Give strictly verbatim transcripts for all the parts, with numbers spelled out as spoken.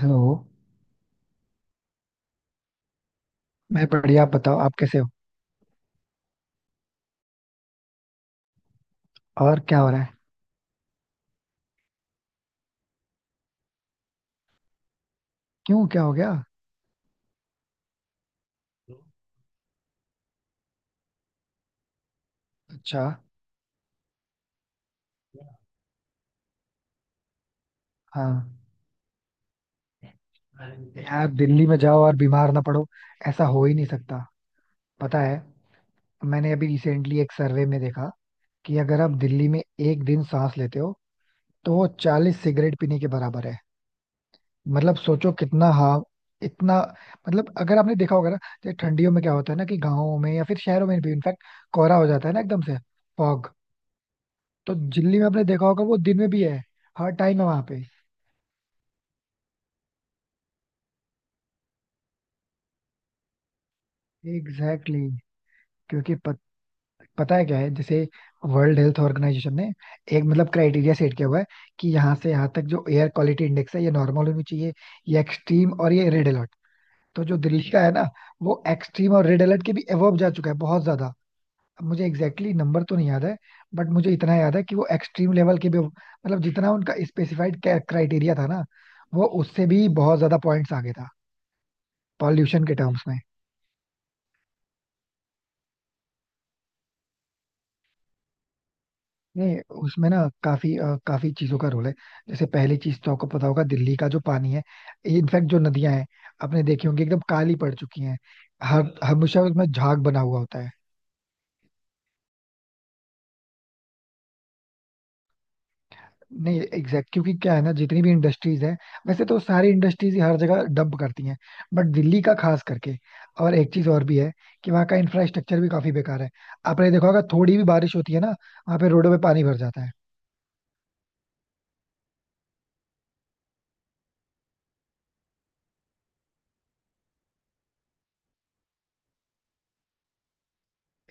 Hello. मैं बढ़िया, आप बताओ, आप कैसे हो? और क्या हो रहा है? क्यों, क्या हो गया? अच्छा। हाँ, यार दिल्ली में जाओ और बीमार ना पड़ो, ऐसा हो ही नहीं सकता। पता है, मैंने अभी रिसेंटली एक सर्वे में देखा कि अगर आप दिल्ली में एक दिन सांस लेते हो तो वो चालीस सिगरेट पीने के बराबर है। मतलब सोचो कितना, हाँ, इतना। मतलब अगर आपने देखा होगा ना, जैसे ठंडियों में क्या होता है ना कि गाँवों में या फिर शहरों में भी इनफैक्ट कोहरा हो जाता है ना एकदम से, फॉग। तो दिल्ली में आपने देखा होगा वो दिन में भी है, हर टाइम है वहां पे। Exactly exactly. क्योंकि पत, पता है क्या है, जैसे वर्ल्ड हेल्थ ऑर्गेनाइजेशन ने एक मतलब क्राइटेरिया सेट किया हुआ है कि यहाँ से यहाँ तक जो एयर क्वालिटी इंडेक्स है ये नॉर्मल होनी चाहिए, ये एक्सट्रीम और ये रेड अलर्ट। तो जो दिल्ली का है ना, वो एक्सट्रीम और रेड अलर्ट के भी अबव जा चुका है, बहुत ज्यादा। अब मुझे एग्जैक्टली exactly नंबर तो नहीं याद है, बट मुझे इतना याद है कि वो एक्सट्रीम लेवल के भी, मतलब जितना उनका स्पेसिफाइड क्राइटेरिया था ना, वो उससे भी बहुत ज्यादा पॉइंट्स आगे था, पॉल्यूशन के टर्म्स में। नहीं, उसमें ना काफी अ, काफी चीजों का रोल है। जैसे पहली चीज तो आपको पता होगा दिल्ली का जो पानी है, इनफैक्ट जो नदियां हैं आपने देखी होंगी एकदम काली पड़ चुकी हैं, हर हमेशा उसमें झाग बना हुआ होता है। नहीं, एग्जैक्ट क्योंकि क्या है ना जितनी भी इंडस्ट्रीज हैं, वैसे तो सारी इंडस्ट्रीज ही हर जगह डंप करती हैं, बट दिल्ली का खास करके। और एक चीज और भी है कि वहाँ का इंफ्रास्ट्रक्चर भी काफी बेकार है, आपने देखा होगा थोड़ी भी बारिश होती है ना, वहाँ पे रोडों पे पानी भर जाता है।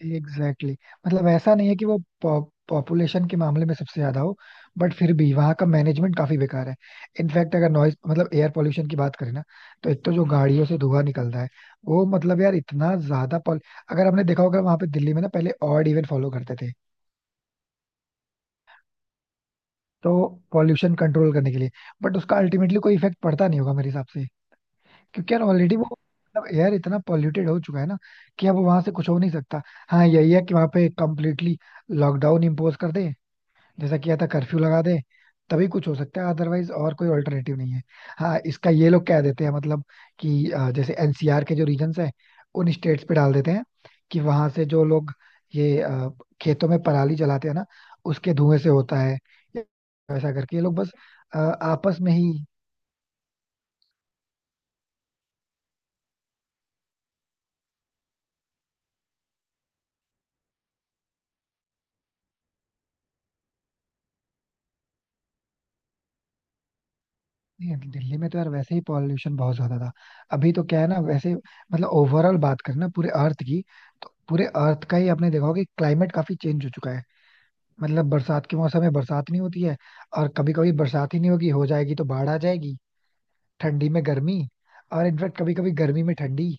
Exactly exactly. मतलब ऐसा नहीं है कि वो पॉपुलेशन के मामले में सबसे ज्यादा हो, बट फिर भी वहाँ का मैनेजमेंट काफी बेकार है। इनफैक्ट अगर नॉइज मतलब एयर पोल्यूशन की बात करें ना, तो एक तो जो गाड़ियों से धुआं निकलता है वो मतलब यार इतना ज्यादा पॉल। अगर आपने देखा होगा वहाँ पे दिल्ली में ना पहले ऑड इवन फॉलो करते थे, तो पॉल्यूशन कंट्रोल करने के लिए, बट उसका अल्टीमेटली कोई इफेक्ट पड़ता नहीं होगा मेरे हिसाब से। क्योंकि यार ऑलरेडी वो मतलब एयर इतना पॉल्यूटेड हो चुका है ना कि अब वहां से कुछ हो नहीं सकता। हाँ यही है कि वहां पे कम्प्लीटली लॉकडाउन इम्पोज कर दे, जैसा किया था, कर्फ्यू लगा दे, तभी कुछ हो सकता है, अदरवाइज और कोई ऑल्टरनेटिव नहीं है। हाँ, इसका ये लोग कह देते हैं मतलब कि अ, जैसे एनसीआर के जो रीजन्स हैं उन स्टेट्स पे डाल देते हैं कि वहां से जो लोग ये अ, खेतों में पराली जलाते हैं ना, उसके धुएं से होता है। ऐसा करके ये लोग बस अ, आपस में ही। नहीं, दिल्ली में तो यार वैसे ही पॉल्यूशन बहुत ज्यादा था। अभी तो क्या है ना, वैसे मतलब ओवरऑल बात करें ना, पूरे अर्थ की, तो पूरे अर्थ का ही आपने देखा होगा कि क्लाइमेट काफी चेंज हो चुका है। मतलब बरसात के मौसम में बरसात नहीं होती है, और कभी कभी बरसात ही नहीं होगी, हो जाएगी तो बाढ़ आ जाएगी। ठंडी में गर्मी, और इनफैक्ट कभी कभी गर्मी में ठंडी।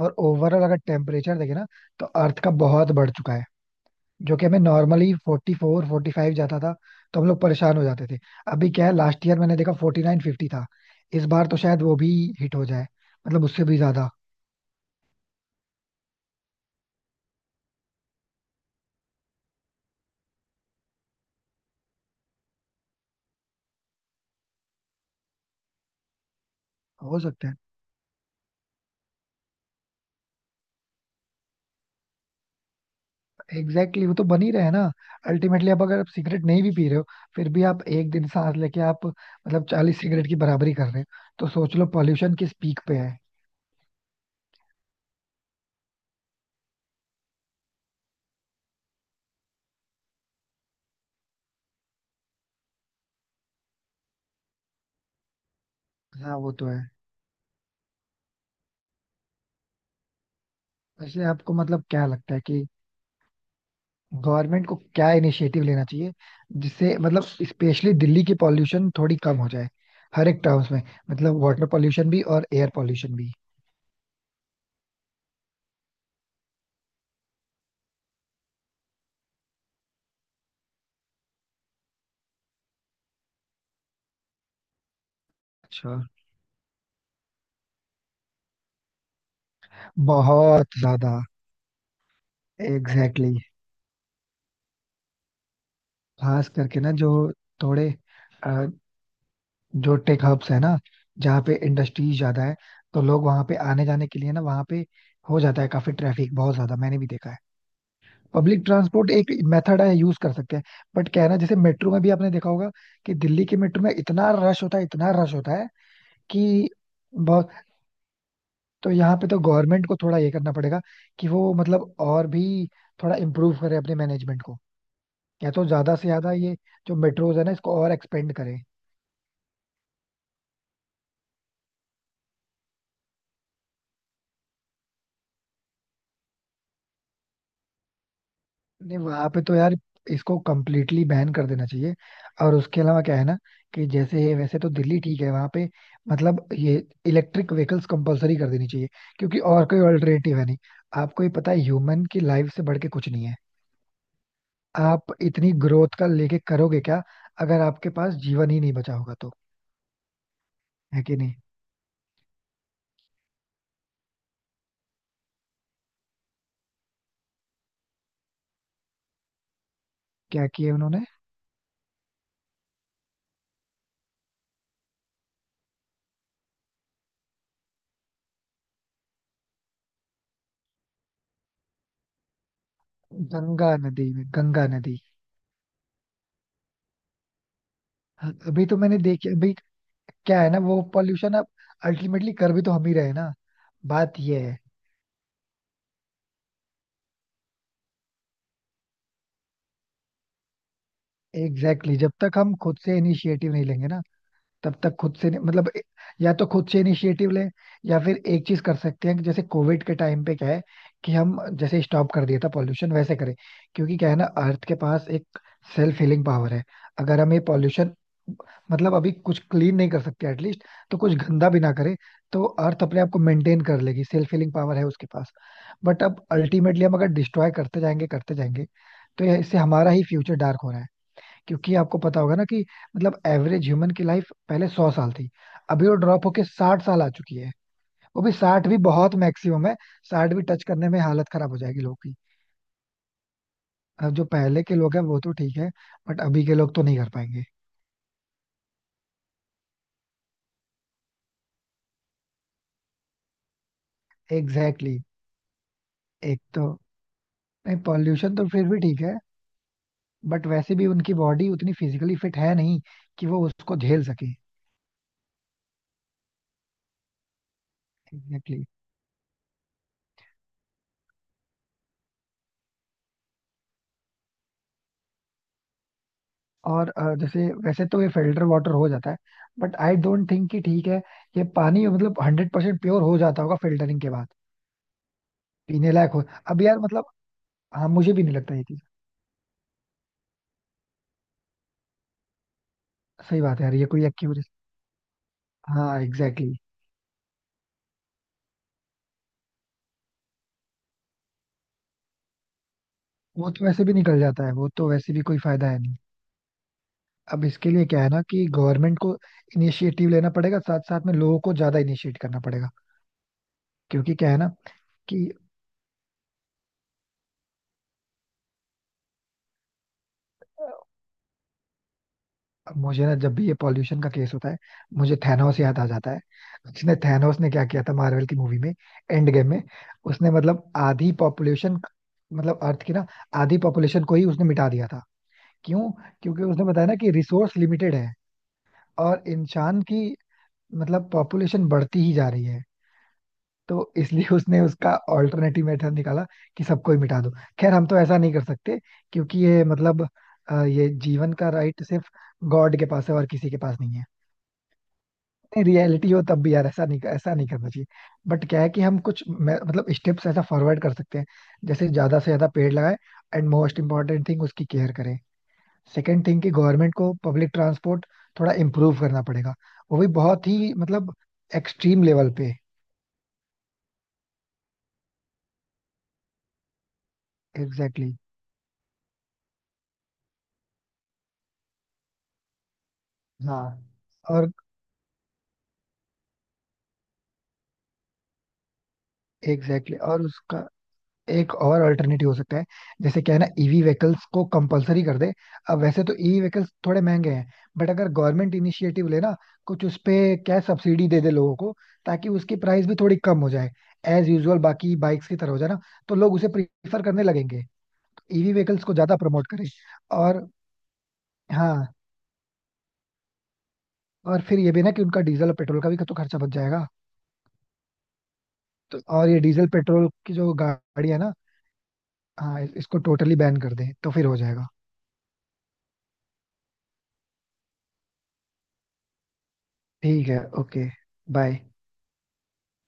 और ओवरऑल अगर टेम्परेचर देखे ना, तो अर्थ का बहुत बढ़ चुका है, जो कि हमें normally forty four forty five जाता था तो हम लोग परेशान हो जाते थे। अभी क्या है, लास्ट ईयर मैंने देखा फोर्टी नाइन फिफ्टी था, इस बार तो शायद वो भी हिट हो जाए, मतलब उससे भी ज्यादा। हो सकता है। एग्जैक्टली exactly, वो तो बन ही रहे हैं ना। अल्टीमेटली अब अगर आप सिगरेट नहीं भी पी रहे हो, फिर भी आप एक दिन सांस लेके आप मतलब चालीस सिगरेट की बराबरी कर रहे हो, तो सोच लो पॉल्यूशन किस पीक पे है। हाँ, वो तो है। वैसे आपको मतलब क्या लगता है कि गवर्नमेंट को क्या इनिशिएटिव लेना चाहिए जिससे मतलब स्पेशली दिल्ली की पॉल्यूशन थोड़ी कम हो जाए, हर एक टर्म्स में। मतलब वाटर पॉल्यूशन भी और एयर पॉल्यूशन भी। अच्छा। बहुत ज्यादा, एग्जैक्टली exactly. खास करके ना जो थोड़े, जो टेक हब्स है ना जहाँ पे इंडस्ट्रीज ज्यादा है, तो लोग वहां पे आने जाने के लिए ना, वहां पे हो जाता है काफी ट्रैफिक, बहुत ज्यादा मैंने भी देखा है। पब्लिक ट्रांसपोर्ट एक मेथड है, यूज कर सकते हैं, बट क्या है ना जैसे मेट्रो में भी आपने देखा होगा कि दिल्ली के मेट्रो में इतना रश होता है, इतना रश होता है कि बहुत। तो यहाँ पे तो गवर्नमेंट को थोड़ा ये करना पड़ेगा कि वो मतलब और भी थोड़ा इम्प्रूव करे अपने मैनेजमेंट को, या तो ज्यादा से ज्यादा ये जो मेट्रोज है ना इसको और एक्सपेंड करे। नहीं, वहां पे तो यार इसको कम्प्लीटली बैन कर देना चाहिए। और उसके अलावा क्या है ना कि जैसे वैसे तो दिल्ली ठीक है वहां पे, मतलब ये इलेक्ट्रिक व्हीकल्स कंपलसरी कर देनी चाहिए, क्योंकि और कोई अल्टरनेटिव है नहीं। आपको ही पता है, ह्यूमन की लाइफ से बढ़ के कुछ नहीं है। आप इतनी ग्रोथ का लेके करोगे क्या अगर आपके पास जीवन ही नहीं बचा होगा तो? है कि नहीं? क्या किया उन्होंने? गंगा नदी में, गंगा नदी। हाँ, अभी तो मैंने देखी अभी। क्या है ना वो पॉल्यूशन अब अल्टीमेटली कर भी तो हम ही रहे हैं ना, बात ये है। Exactly exactly. जब तक हम खुद से इनिशिएटिव नहीं लेंगे ना, तब तक खुद से नहीं- मतलब ए- या तो खुद से इनिशिएटिव लें, या फिर एक चीज कर सकते हैं कि जैसे कोविड के टाइम पे क्या है कि हम जैसे स्टॉप कर दिया था पॉल्यूशन, वैसे करें। क्योंकि क्या है ना, अर्थ के पास एक सेल्फ हीलिंग पावर है। अगर हम ये पॉल्यूशन मतलब अभी कुछ क्लीन नहीं कर सकते एटलीस्ट, तो कुछ गंदा भी ना करे, तो अर्थ अपने आप को मेंटेन कर लेगी, सेल्फ हीलिंग पावर है उसके पास। बट अब अल्टीमेटली हम अगर डिस्ट्रॉय करते जाएंगे करते जाएंगे, तो ये- इससे हमारा ही फ्यूचर डार्क हो रहा है। क्योंकि आपको पता होगा ना कि मतलब एवरेज ह्यूमन की लाइफ पहले सौ साल थी, अभी वो ड्रॉप होके साठ साल आ चुकी है। वो भी साठ भी बहुत मैक्सिमम है, साठ भी टच करने में हालत खराब हो जाएगी लोग की। अब जो पहले के लोग हैं वो तो ठीक है, बट अभी के लोग तो नहीं कर पाएंगे। Exactly exactly. एक तो नहीं, पॉल्यूशन तो फिर भी ठीक है, बट वैसे भी उनकी बॉडी उतनी फिजिकली फिट है नहीं कि वो उसको झेल सके। एग्जैक्टली। और अ, जैसे वैसे तो ये फिल्टर वाटर हो जाता है, बट आई डोंट थिंक कि ठीक है ये पानी, मतलब हंड्रेड परसेंट प्योर हो जाता होगा फिल्टरिंग के बाद, पीने लायक हो। अब यार मतलब, हाँ मुझे भी नहीं लगता ये चीज। सही बात है यार, ये कोई एक्यूरेसी। हाँ एग्जैक्टली exactly. वो तो वैसे भी निकल जाता है, वो तो वैसे भी कोई फायदा है नहीं। अब इसके लिए क्या है ना कि गवर्नमेंट को इनिशिएटिव लेना पड़ेगा, साथ साथ में लोगों को ज्यादा इनिशिएट करना पड़ेगा। क्योंकि क्या है ना कि मुझे ना जब भी ये पॉल्यूशन का केस होता है, मुझे थैनोस याद आ जाता है। उसने थैनोस ने क्या किया था मार्वल की मूवी में, एंड गेम में, उसने मतलब आधी पॉपुलेशन, मतलब अर्थ की ना, आधी पॉपुलेशन को ही उसने मिटा दिया था। क्यों? क्योंकि उसने बताया ना कि रिसोर्स लिमिटेड है, और इंसान की मतलब पॉपुलेशन बढ़ती ही जा रही है। तो इसलिए उसने उसका ऑल्टरनेटिव मेथड निकाला कि सबको ही मिटा दो। खैर हम तो ऐसा नहीं कर सकते, क्योंकि ये मतलब अ, ये जीवन का राइट सिर्फ गॉड के पास है, और किसी के पास नहीं है। नहीं रियलिटी हो तब भी यार ऐसा नहीं, ऐसा नहीं करना चाहिए। बट क्या है कि हम कुछ मे- मतलब स्टेप्स ऐसा फॉरवर्ड कर सकते हैं, जैसे ज्यादा से ज्यादा पेड़ लगाएं, एंड मोस्ट इम्पोर्टेंट थिंग उसकी केयर करें। सेकंड थिंग कि गवर्नमेंट को पब्लिक ट्रांसपोर्ट थोड़ा इम्प्रूव करना पड़ेगा, वो भी बहुत ही मतलब एक्सट्रीम लेवल पे। Exactly exactly. हाँ। और एग्जैक्टली exactly. और उसका एक और अल्टरनेटिव हो सकता है, जैसे क्या है ना ईवी व्हीकल्स को कंपलसरी कर दे। अब वैसे तो ईवी व्हीकल्स थोड़े महंगे हैं, बट अगर गवर्नमेंट इनिशिएटिव ले ना, कुछ उस पे क्या सब्सिडी दे दे लोगों को, ताकि उसकी प्राइस भी थोड़ी कम हो जाए, एज यूजुअल बाकी बाइक्स की तरह हो जाए ना, तो लोग उसे प्रीफर करने लगेंगे। ईवी व्हीकल्स को ज्यादा प्रमोट करें, और हाँ, और फिर ये भी ना कि उनका डीजल और पेट्रोल का भी तो खर्चा बच जाएगा। तो और ये डीजल पेट्रोल की जो गाड़ी है ना, हाँ इसको टोटली बैन कर दें तो फिर हो जाएगा। ठीक है, ओके, बाय।